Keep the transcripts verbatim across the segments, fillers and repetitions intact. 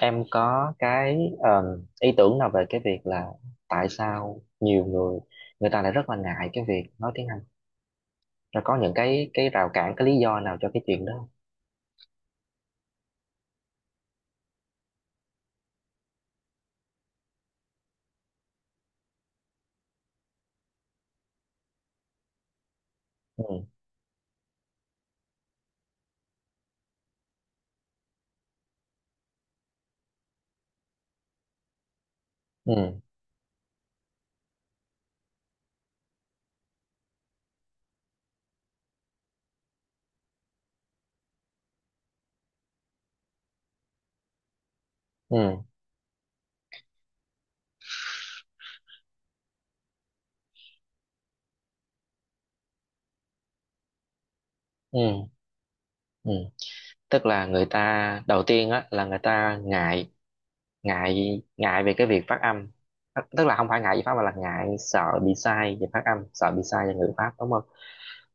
Em có cái ờ, ý tưởng nào về cái việc là tại sao nhiều người người ta lại rất là ngại cái việc nói tiếng Anh, rồi có những cái cái rào cản, cái lý do nào cho cái chuyện đó không? Ừ. Ừ. Ừ. Ừ. Ừ. Tức là người ta đầu tiên á là người ta ngại ngại ngại về cái việc phát âm. Tức tức là không phải ngại về pháp mà là ngại, sợ bị sai về phát âm, sợ bị sai về ngữ pháp, đúng không?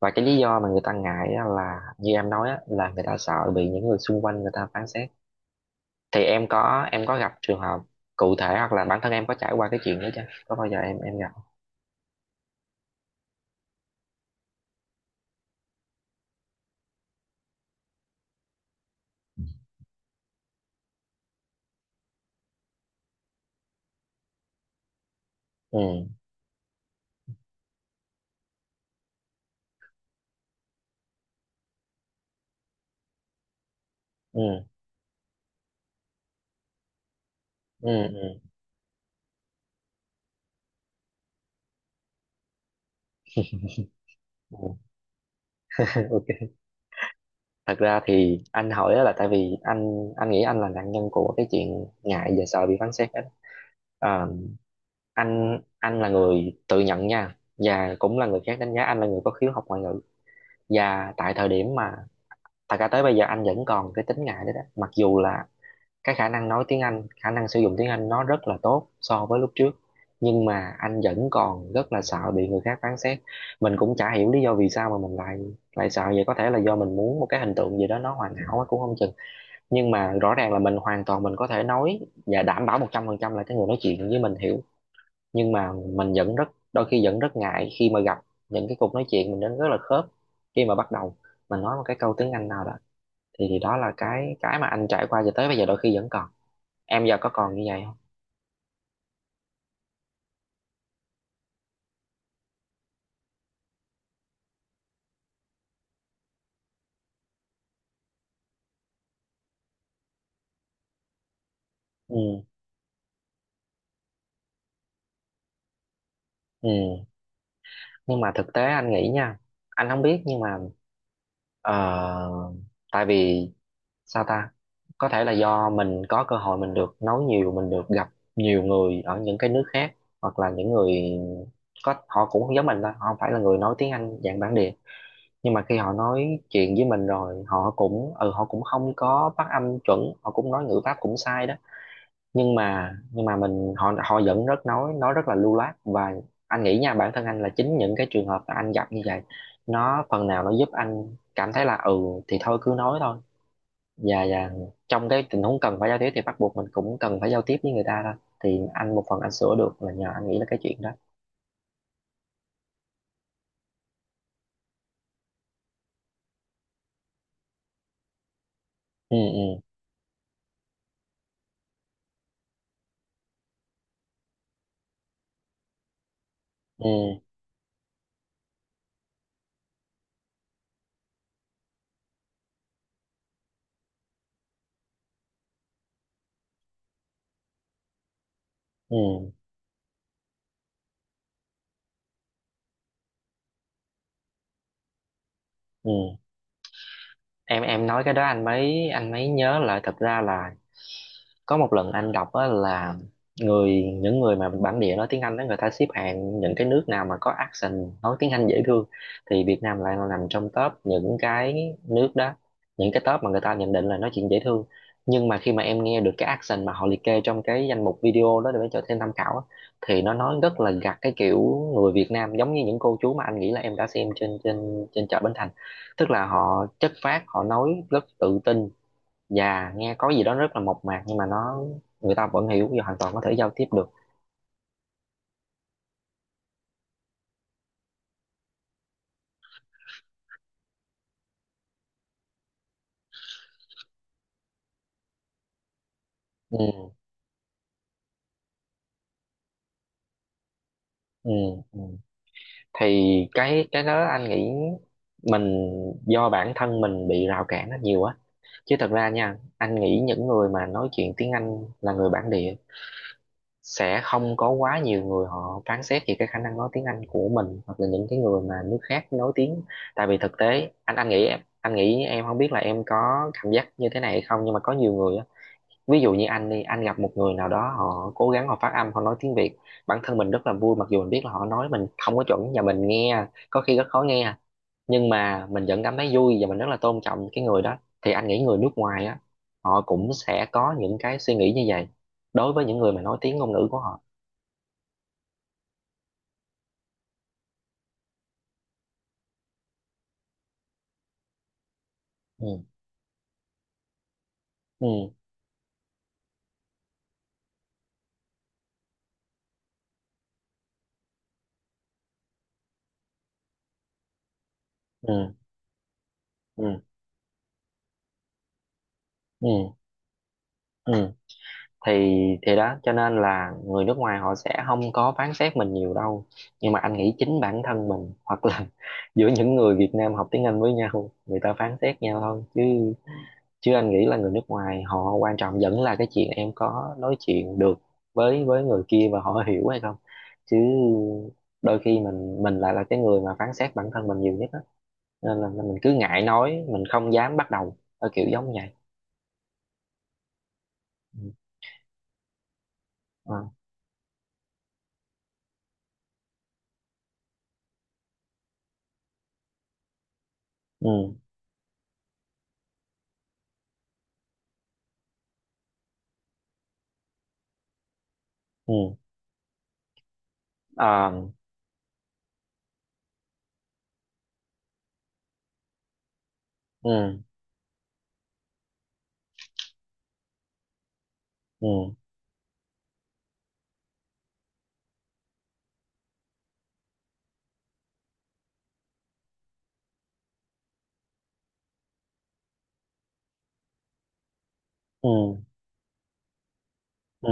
Và cái lý do mà người ta ngại á là như em nói á, là người ta sợ bị những người xung quanh người ta phán xét. Thì em có em có gặp trường hợp cụ thể hoặc là bản thân em có trải qua cái chuyện đó chưa, có bao giờ em em gặp? Ừ. Ừ. Ừ. Ừ. Ừ. OK. Thật ra thì anh hỏi á là tại vì anh anh nghĩ anh là nạn nhân của cái chuyện ngại và sợ bị phán xét á. Ờ, anh anh là người tự nhận nha, và cũng là người khác đánh giá anh là người có khiếu học ngoại ngữ. Và tại thời điểm mà, thật ra tới bây giờ anh vẫn còn cái tính ngại đấy đó, mặc dù là cái khả năng nói tiếng Anh, khả năng sử dụng tiếng Anh nó rất là tốt so với lúc trước. Nhưng mà anh vẫn còn rất là sợ bị người khác phán xét. Mình cũng chả hiểu lý do vì sao mà mình lại lại sợ vậy, có thể là do mình muốn một cái hình tượng gì đó nó hoàn hảo quá cũng không chừng. Nhưng mà rõ ràng là mình hoàn toàn mình có thể nói và đảm bảo một trăm phần trăm là cái người nói chuyện với mình hiểu. Nhưng mà mình vẫn rất, đôi khi vẫn rất ngại khi mà gặp những cái cuộc nói chuyện mình đến rất là khớp, khi mà bắt đầu mình nói một cái câu tiếng Anh nào đó thì, thì, đó là cái cái mà anh trải qua cho tới bây giờ đôi khi vẫn còn. Em giờ có còn như vậy không? Ừ. Ừ. Nhưng mà thực tế anh nghĩ nha, anh không biết nhưng mà ờ, tại vì sao ta, có thể là do mình có cơ hội mình được nói nhiều, mình được gặp nhiều người ở những cái nước khác, hoặc là những người có, họ cũng không giống mình đâu, họ không phải là người nói tiếng Anh dạng bản địa. Nhưng mà khi họ nói chuyện với mình rồi họ cũng ừ họ cũng không có phát âm chuẩn, họ cũng nói ngữ pháp cũng sai đó, nhưng mà nhưng mà mình họ họ vẫn rất nói nói rất là lưu loát. Và anh nghĩ nha, bản thân anh là chính những cái trường hợp mà anh gặp như vậy nó phần nào nó giúp anh cảm thấy là ừ thì thôi cứ nói thôi. Và và trong cái tình huống cần phải giao tiếp thì bắt buộc mình cũng cần phải giao tiếp với người ta thôi. Thì anh, một phần anh sửa được là nhờ anh nghĩ là cái chuyện đó. Ừ. Ừ. Ừ. Ừ. Ừ. em em nói cái đó anh mới anh mới nhớ lại, thật ra là có một lần anh đọc á là người những người mà bản địa nói tiếng Anh đó người ta xếp hạng những cái nước nào mà có accent nói tiếng Anh dễ thương. Thì Việt Nam lại là nằm trong top những cái nước đó, những cái top mà người ta nhận định là nói chuyện dễ thương. Nhưng mà khi mà em nghe được cái accent mà họ liệt kê trong cái danh mục video đó để cho thêm tham khảo á, thì nó nói rất là gặt, cái kiểu người Việt Nam giống như những cô chú mà anh nghĩ là em đã xem trên trên trên chợ Bến Thành. Tức là họ chất phác, họ nói rất tự tin và nghe có gì đó rất là mộc mạc, nhưng mà nó người ta vẫn hiểu và hoàn toàn có thể giao tiếp được. Ừ. Ừ. Ừ. Thì cái cái đó anh nghĩ mình, do bản thân mình bị rào cản nó nhiều á, chứ thật ra nha anh nghĩ những người mà nói chuyện tiếng Anh là người bản địa sẽ không có quá nhiều người họ phán xét về cái khả năng nói tiếng Anh của mình, hoặc là những cái người mà nước khác nói tiếng. Tại vì thực tế anh anh nghĩ em anh nghĩ em không biết là em có cảm giác như thế này hay không, nhưng mà có nhiều người á, ví dụ như anh đi, anh gặp một người nào đó họ cố gắng họ phát âm, họ nói tiếng Việt, bản thân mình rất là vui, mặc dù mình biết là họ nói mình không có chuẩn và mình nghe có khi rất khó nghe, nhưng mà mình vẫn cảm thấy vui và mình rất là tôn trọng cái người đó. Thì anh nghĩ người nước ngoài á, họ cũng sẽ có những cái suy nghĩ như vậy đối với những người mà nói tiếng ngôn ngữ của họ. Ừ. Ừ. Ừ. Ừ. Ừ. Ừ. thì thì đó cho nên là người nước ngoài họ sẽ không có phán xét mình nhiều đâu. Nhưng mà anh nghĩ chính bản thân mình, hoặc là giữa những người Việt Nam học tiếng Anh với nhau người ta phán xét nhau thôi chứ, chứ anh nghĩ là người nước ngoài họ quan trọng vẫn là cái chuyện em có nói chuyện được với với người kia và họ hiểu hay không. Chứ đôi khi mình mình lại là cái người mà phán xét bản thân mình nhiều nhất á, nên là mình cứ ngại nói, mình không dám bắt đầu ở kiểu giống vậy. Ừ. À. Ừ. Ừ. À. Ừ. Ừ. Ừ. Ừ.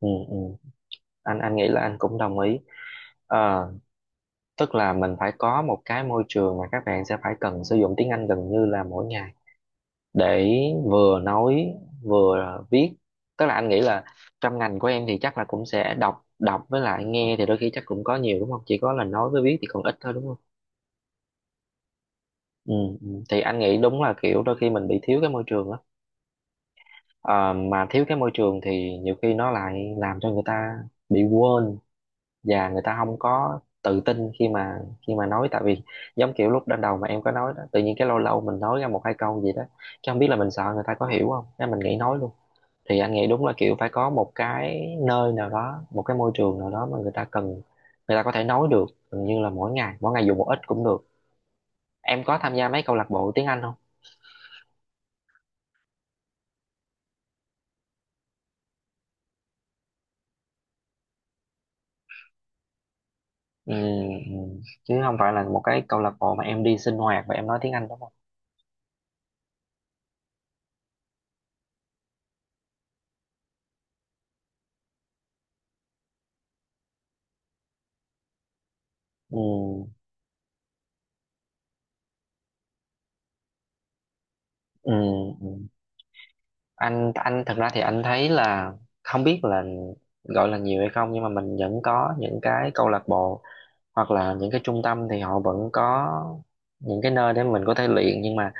Ừ. Ừ. anh anh nghĩ là anh cũng đồng ý. Ờ, tức là mình phải có một cái môi trường mà các bạn sẽ phải cần sử dụng tiếng Anh gần như là mỗi ngày, để vừa nói, vừa viết. Tức là anh nghĩ là trong ngành của em thì chắc là cũng sẽ đọc đọc với lại nghe thì đôi khi chắc cũng có nhiều đúng không, chỉ có là nói với viết thì còn ít thôi đúng không? Ừ. Ừ. Thì anh nghĩ đúng là kiểu đôi khi mình bị thiếu cái môi trường. Ờ, mà thiếu cái môi trường thì nhiều khi nó lại làm cho người ta bị quên và người ta không có tự tin khi mà khi mà nói, tại vì giống kiểu lúc ban đầu mà em có nói đó tự nhiên cái lâu lâu mình nói ra một hai câu gì đó, chứ không biết là mình sợ người ta có hiểu không nên mình nghĩ nói luôn. Thì anh nghĩ đúng là kiểu phải có một cái nơi nào đó, một cái môi trường nào đó mà người ta cần, người ta có thể nói được gần như là mỗi ngày, mỗi ngày dù một ít cũng được. Em có tham gia mấy câu lạc bộ tiếng Anh không? Ừ. Ừ. Chứ không phải là một cái câu lạc bộ mà em đi sinh hoạt và em nói tiếng Anh đúng không? Ừ. Ừ. Ừ. anh anh thật ra thì anh thấy là không biết là gọi là nhiều hay không, nhưng mà mình vẫn có những cái câu lạc bộ hoặc là những cái trung tâm thì họ vẫn có những cái nơi để mình có thể luyện, nhưng mà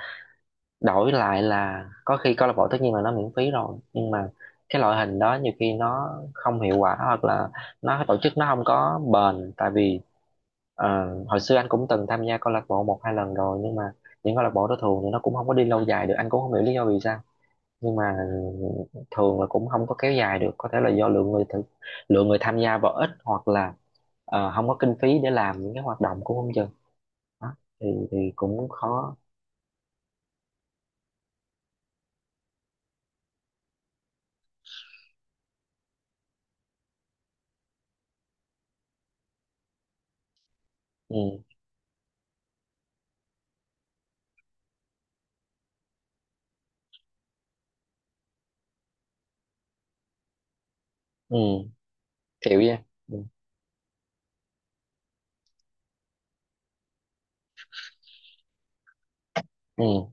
đổi lại là có khi câu lạc bộ tất nhiên là nó miễn phí rồi nhưng mà cái loại hình đó nhiều khi nó không hiệu quả, hoặc là nó tổ chức nó không có bền. Tại vì ờ, hồi xưa anh cũng từng tham gia câu lạc bộ một hai lần rồi nhưng mà những câu lạc bộ đó thường thì nó cũng không có đi lâu dài được, anh cũng không hiểu lý do vì sao, nhưng mà thường là cũng không có kéo dài được, có thể là do lượng người thử, lượng người tham gia vào ít, hoặc là ờ, không có kinh phí để làm những cái hoạt động của không chừng đó, thì thì cũng khó. Ừ. Ừ. Hiểu vậy. Ừ. Ừ.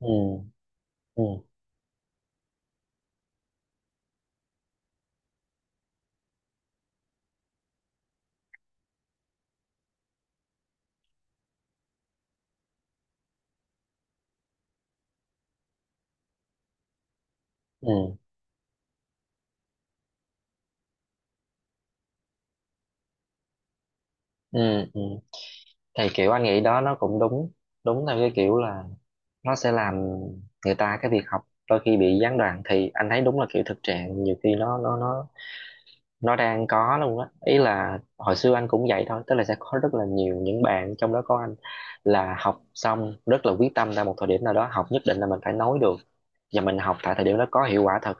Ừ. Ừ. Ừ. Ừ. Ừ. Thì kiểu anh nghĩ đó nó cũng đúng, đúng theo cái kiểu là nó sẽ làm người ta, cái việc học đôi khi bị gián đoạn, thì anh thấy đúng là kiểu thực trạng nhiều khi nó nó nó nó đang có luôn á, ý là hồi xưa anh cũng vậy thôi, tức là sẽ có rất là nhiều những bạn trong đó có anh là học xong rất là quyết tâm ra một thời điểm nào đó học nhất định là mình phải nói được, và mình học tại thời điểm đó có hiệu quả thật,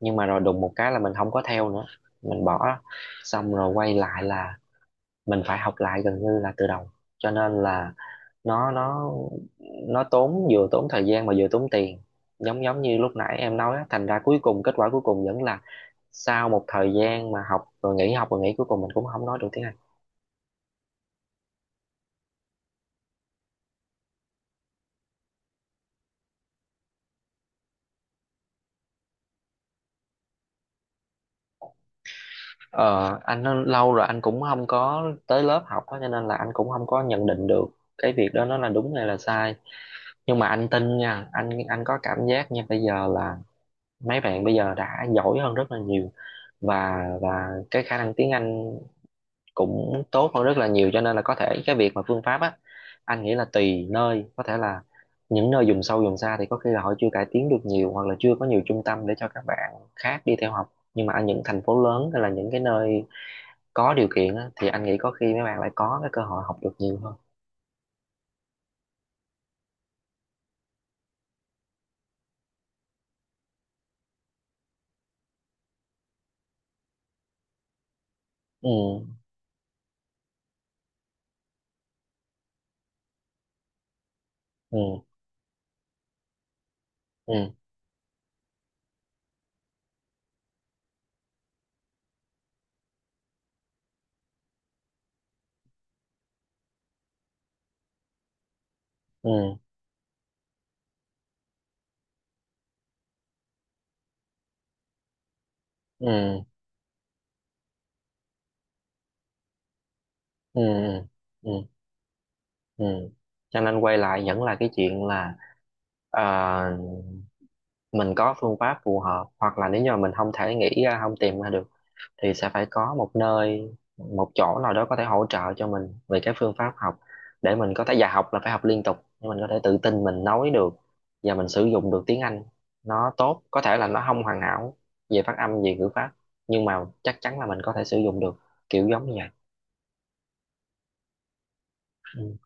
nhưng mà rồi đùng một cái là mình không có theo nữa, mình bỏ, xong rồi quay lại là mình phải học lại gần như là từ đầu. Cho nên là nó nó nó tốn, vừa tốn thời gian mà vừa tốn tiền, giống giống như lúc nãy em nói á, thành ra cuối cùng kết quả cuối cùng vẫn là sau một thời gian mà học rồi nghỉ học rồi nghỉ cuối cùng mình cũng không nói được tiếng Anh. ờ, anh nói lâu rồi anh cũng không có tới lớp học á, cho nên là anh cũng không có nhận định được cái việc đó nó là đúng hay là sai. Nhưng mà anh tin nha, anh anh có cảm giác nha bây giờ là mấy bạn bây giờ đã giỏi hơn rất là nhiều, và và cái khả năng tiếng Anh cũng tốt hơn rất là nhiều. Cho nên là có thể cái việc mà phương pháp á, anh nghĩ là tùy nơi, có thể là những nơi vùng sâu vùng xa thì có khi là họ chưa cải tiến được nhiều, hoặc là chưa có nhiều trung tâm để cho các bạn khác đi theo học, nhưng mà ở những thành phố lớn hay là những cái nơi có điều kiện á, thì anh nghĩ có khi mấy bạn lại có cái cơ hội học được nhiều hơn. Ừ. Ừ. Ừ. Ừ. Ừ. Ừ. Ừ. Ừ. Cho nên quay lại vẫn là cái chuyện là ờ, mình có phương pháp phù hợp, hoặc là nếu như mà mình không thể nghĩ ra, không tìm ra được thì sẽ phải có một nơi, một chỗ nào đó có thể hỗ trợ cho mình về cái phương pháp học, để mình có thể, và học là phải học liên tục để mình có thể tự tin mình nói được và mình sử dụng được tiếng Anh nó tốt, có thể là nó không hoàn hảo về phát âm, về ngữ pháp, nhưng mà chắc chắn là mình có thể sử dụng được, kiểu giống như vậy. Ừ.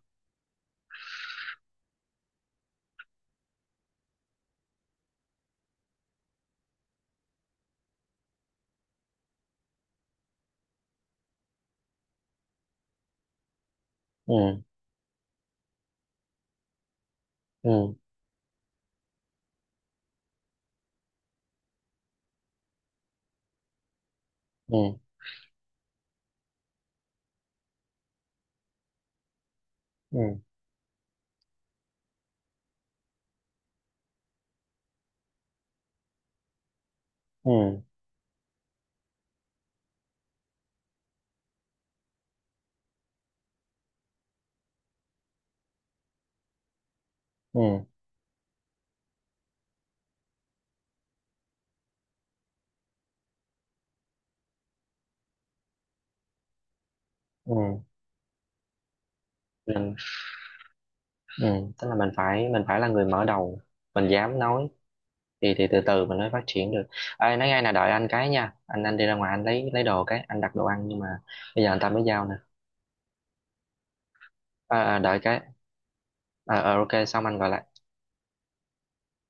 Ừ. Ừ. Ừ. Ừ. Ừ. Ừ. Ừ. Mình. Ừ. Tức là mình phải mình phải là người mở đầu, mình dám nói, thì thì từ từ mình mới phát triển được. Ai nói ngay là đợi anh cái nha, anh anh đi ra ngoài anh lấy lấy đồ cái anh đặt đồ ăn nhưng mà bây giờ anh ta mới giao nè. Ờ, ờ, Đợi cái. Ờ, ờ, OK, xong anh gọi lại.